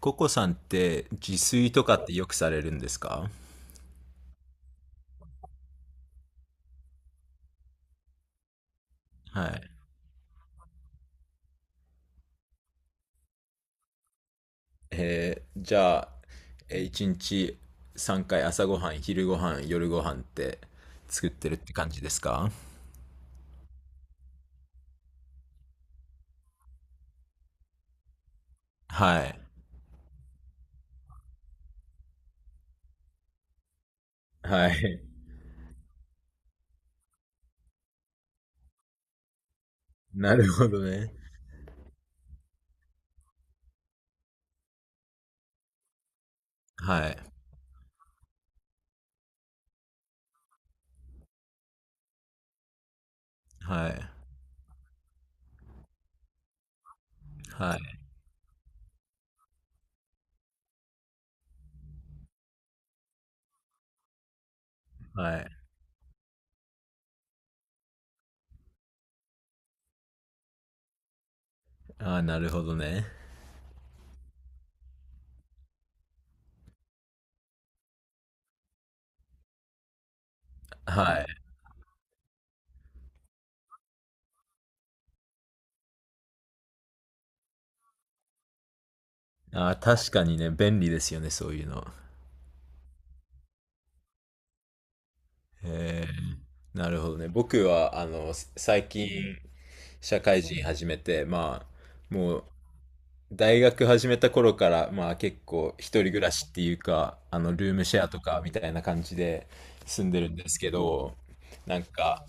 ココさんって自炊とかってよくされるんですか？はい。じゃあ、一日三回朝ごはん、昼ごはん、夜ごはんって作ってるって感じですか？はい。はい。なるほどね。はい。はい。はい。はい。ああ、なるほどね。はい。ああ、確かにね、便利ですよね、そういうの。え、なるほどね。僕は、最近、社会人始めて、あ、もう大学始めた頃から、まあ結構一人暮らしっていうか、ルームシェアとかみたいな感じで住んでるんですけど、なんか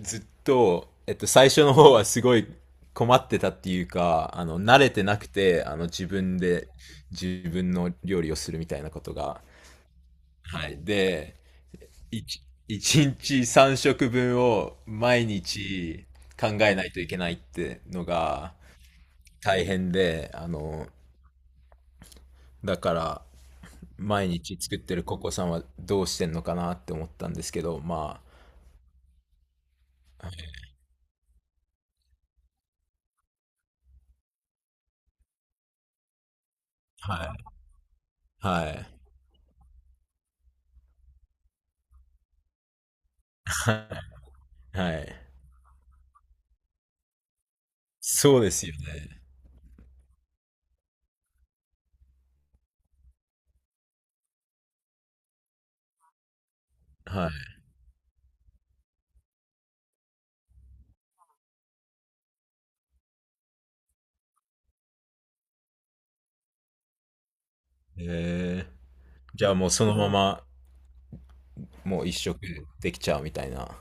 ずっと、最初の方はすごい困ってたっていうか、慣れてなくて、自分で自分の料理をするみたいなことが。はい。で、いち一日3食分を毎日考えないといけないってのが大変で、だから、毎日作ってるココさんはどうしてんのかなって思ったんですけど、まあ、はい、はい、はい、はい。そうですよね。はい。じゃあもうそのまま、もう一食できちゃうみたいな。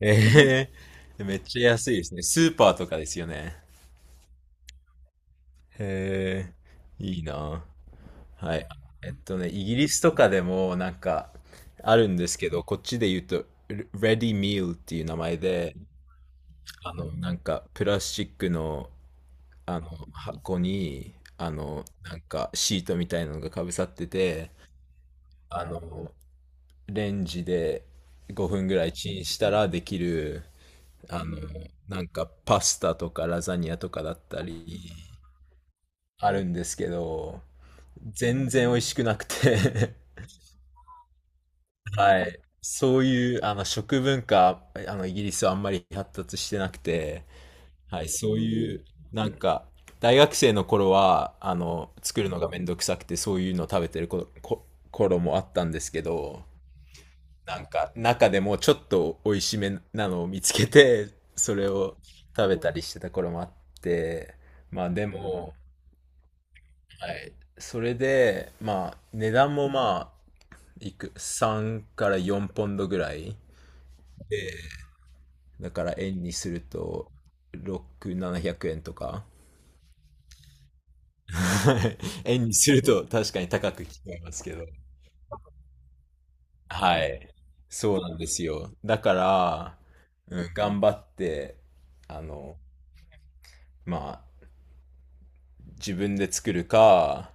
え、めっちゃ安いですね。スーパーとかですよね。へえ、いいな。はい。えっとね、イギリスとかでもなんかあるんですけど、こっちで言うと、レディミールっていう名前で、なんかプラスチックの、あの箱に、なんかシートみたいなのがかぶさってて、あの、レンジで5分ぐらいチンしたらできる、あの、なんかパスタとかラザニアとかだったり、あるんですけど、全然美味しくなくて。 はい。そういう、食文化、イギリスはあんまり発達してなくて、はい、そういう、なんか、大学生の頃は、作るのがめんどくさくて、そういうの食べてる頃もあったんですけど、なんか、中でもちょっと美味しめなのを見つけて、それを食べたりしてた頃もあって、まあでも、はい。それで、まあ、値段もまあ、3から4ポンドぐらい。で、だから円にすると、6、700円とか。はい、円にすると確かに高く聞こえますけど。はい。そうなんですよ。だから、うん、頑張って、あの、まあ、自分で作るか、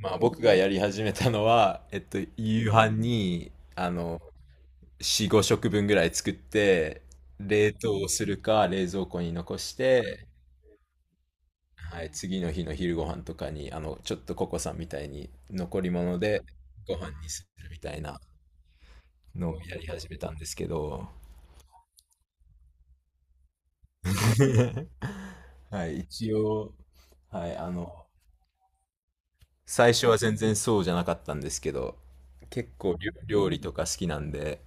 まあ僕がやり始めたのは、えっと、夕飯に、4、5食分ぐらい作って、冷凍するか、冷蔵庫に残して、はい、次の日の昼ご飯とかに、ちょっとココさんみたいに残り物でご飯にするみたいなのをやり始めたんですけど、はい、一応、はい、最初は全然そうじゃなかったんですけど、結構料理とか好きなんで、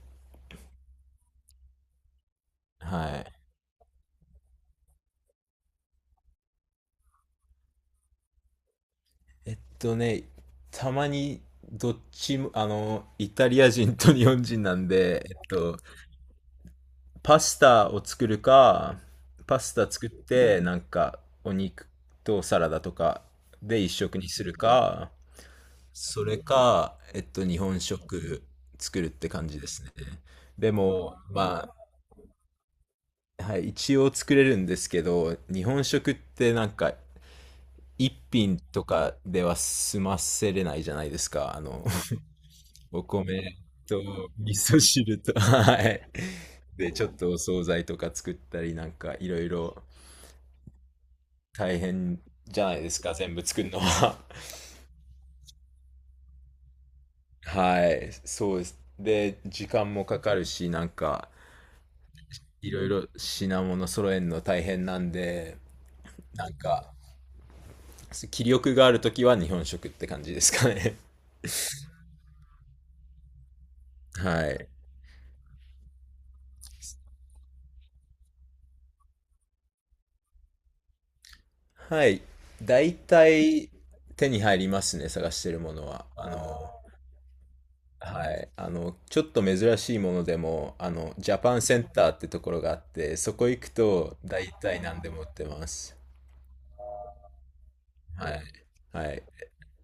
はい。えっとね、たまにどっちも、イタリア人と日本人なんで、えっと、パスタを作るか、パスタ作って、なんか、お肉とサラダとかで一食にするか、それか、えっと、日本食作るって感じですね。でも、まあ、はい、一応作れるんですけど、日本食ってなんか、一品とかでは済ませれないじゃないですか。あの、お米と味噌汁と、はい。で、ちょっとお惣菜とか作ったり、なんかいろいろ大変じゃないですか、全部作るのは。はい、そうです。で、時間もかかるし、なんか、いろいろ品物揃えるの大変なんで、なんか、気力があるときは日本食って感じですかね。はい。はい。大体手に入りますね、探してるものは。あの、はい。ちょっと珍しいものでも、ジャパンセンターってところがあって、そこ行くと大体何でも売ってます。はい。はい。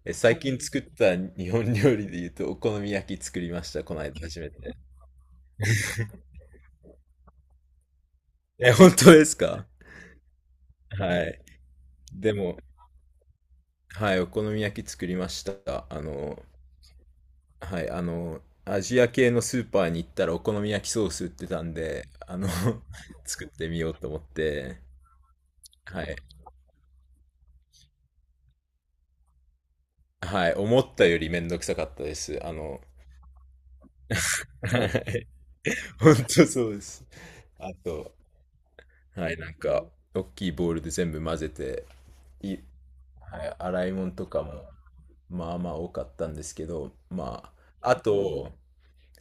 え、最近作った日本料理で言うと、お好み焼き作りました、この間初めて。え、本当ですか？ はい。でも、はい、お好み焼き作りました。あの、はい、アジア系のスーパーに行ったらお好み焼きソース売ってたんで、あの、 作ってみようと思って、はい、はい、思ったよりめんどくさかったです。あの、はい、本当そうです。あと、はい、なんか、大きいボウルで全部混ぜて、い、はい、洗い物とかも、まあまあ多かったんですけど、まあ、あと、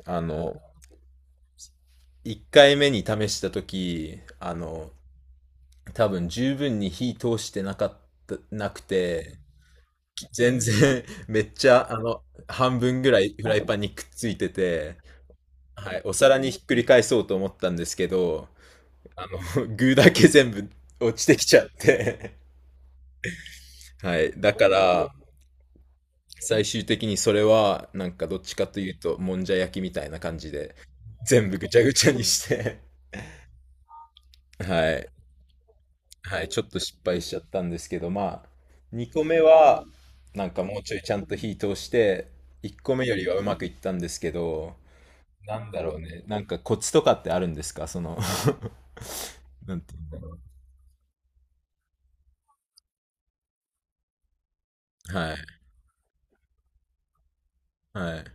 あの、1回目に試した時あの、多分十分に火通してなかったなくて、全然 めっちゃあの半分ぐらいフライパンにくっついてて、はい、お皿にひっくり返そうと思ったんですけど、あの 具だけ全部落ちてきちゃって、はい、だから最終的にそれはなんかどっちかというともんじゃ焼きみたいな感じで全部ぐちゃぐちゃにして、はい。はい、ちょっと失敗しちゃったんですけど、まあ、2個目は、なんかもうちょいちゃんと火通して、1個目よりはうまくいったんですけど、なんだろうね、なんかコツとかってあるんですか、その なんていうんだろう。はい、はい、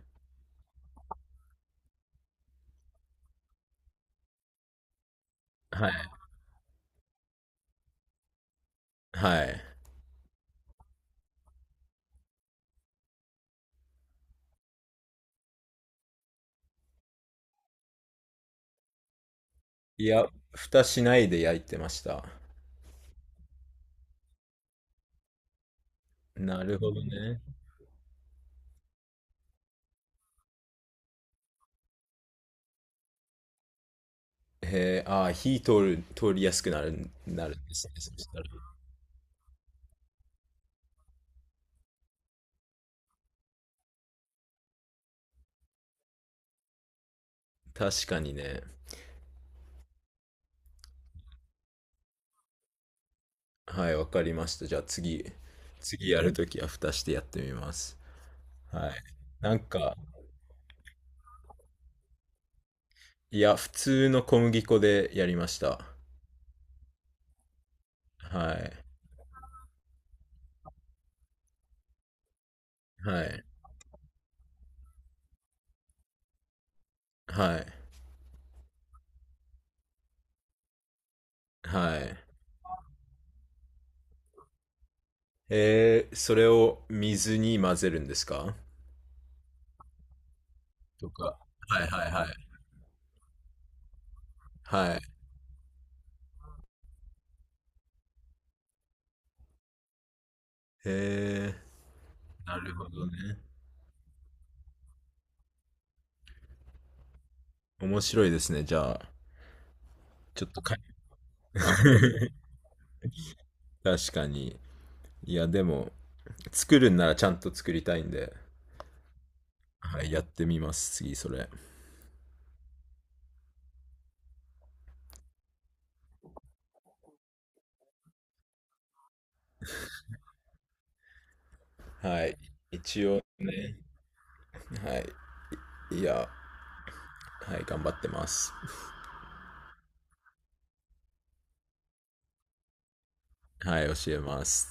はい、はい。いや、蓋しないで焼いてました。なるほどね。へえ、ああ、火通る、通りやすくなる、なるんですね、そしたら。確かにね。はい、わかりました。じゃあ次、次やるときは蓋してやってみます。はい。なんか、いや、普通の小麦粉でやりました。はい。はい。はい。はい。それを水に混ぜるんですか？とか。はいはいはい。はい。え、なるほどね。面白いですね。じゃあ、ちょっとかい。確かに。いや、でも、作るんならちゃんと作りたいんで、はい、やってみます、次、それ。はい。一応ね、はい。いや、はい、頑張ってます。はい、教えます。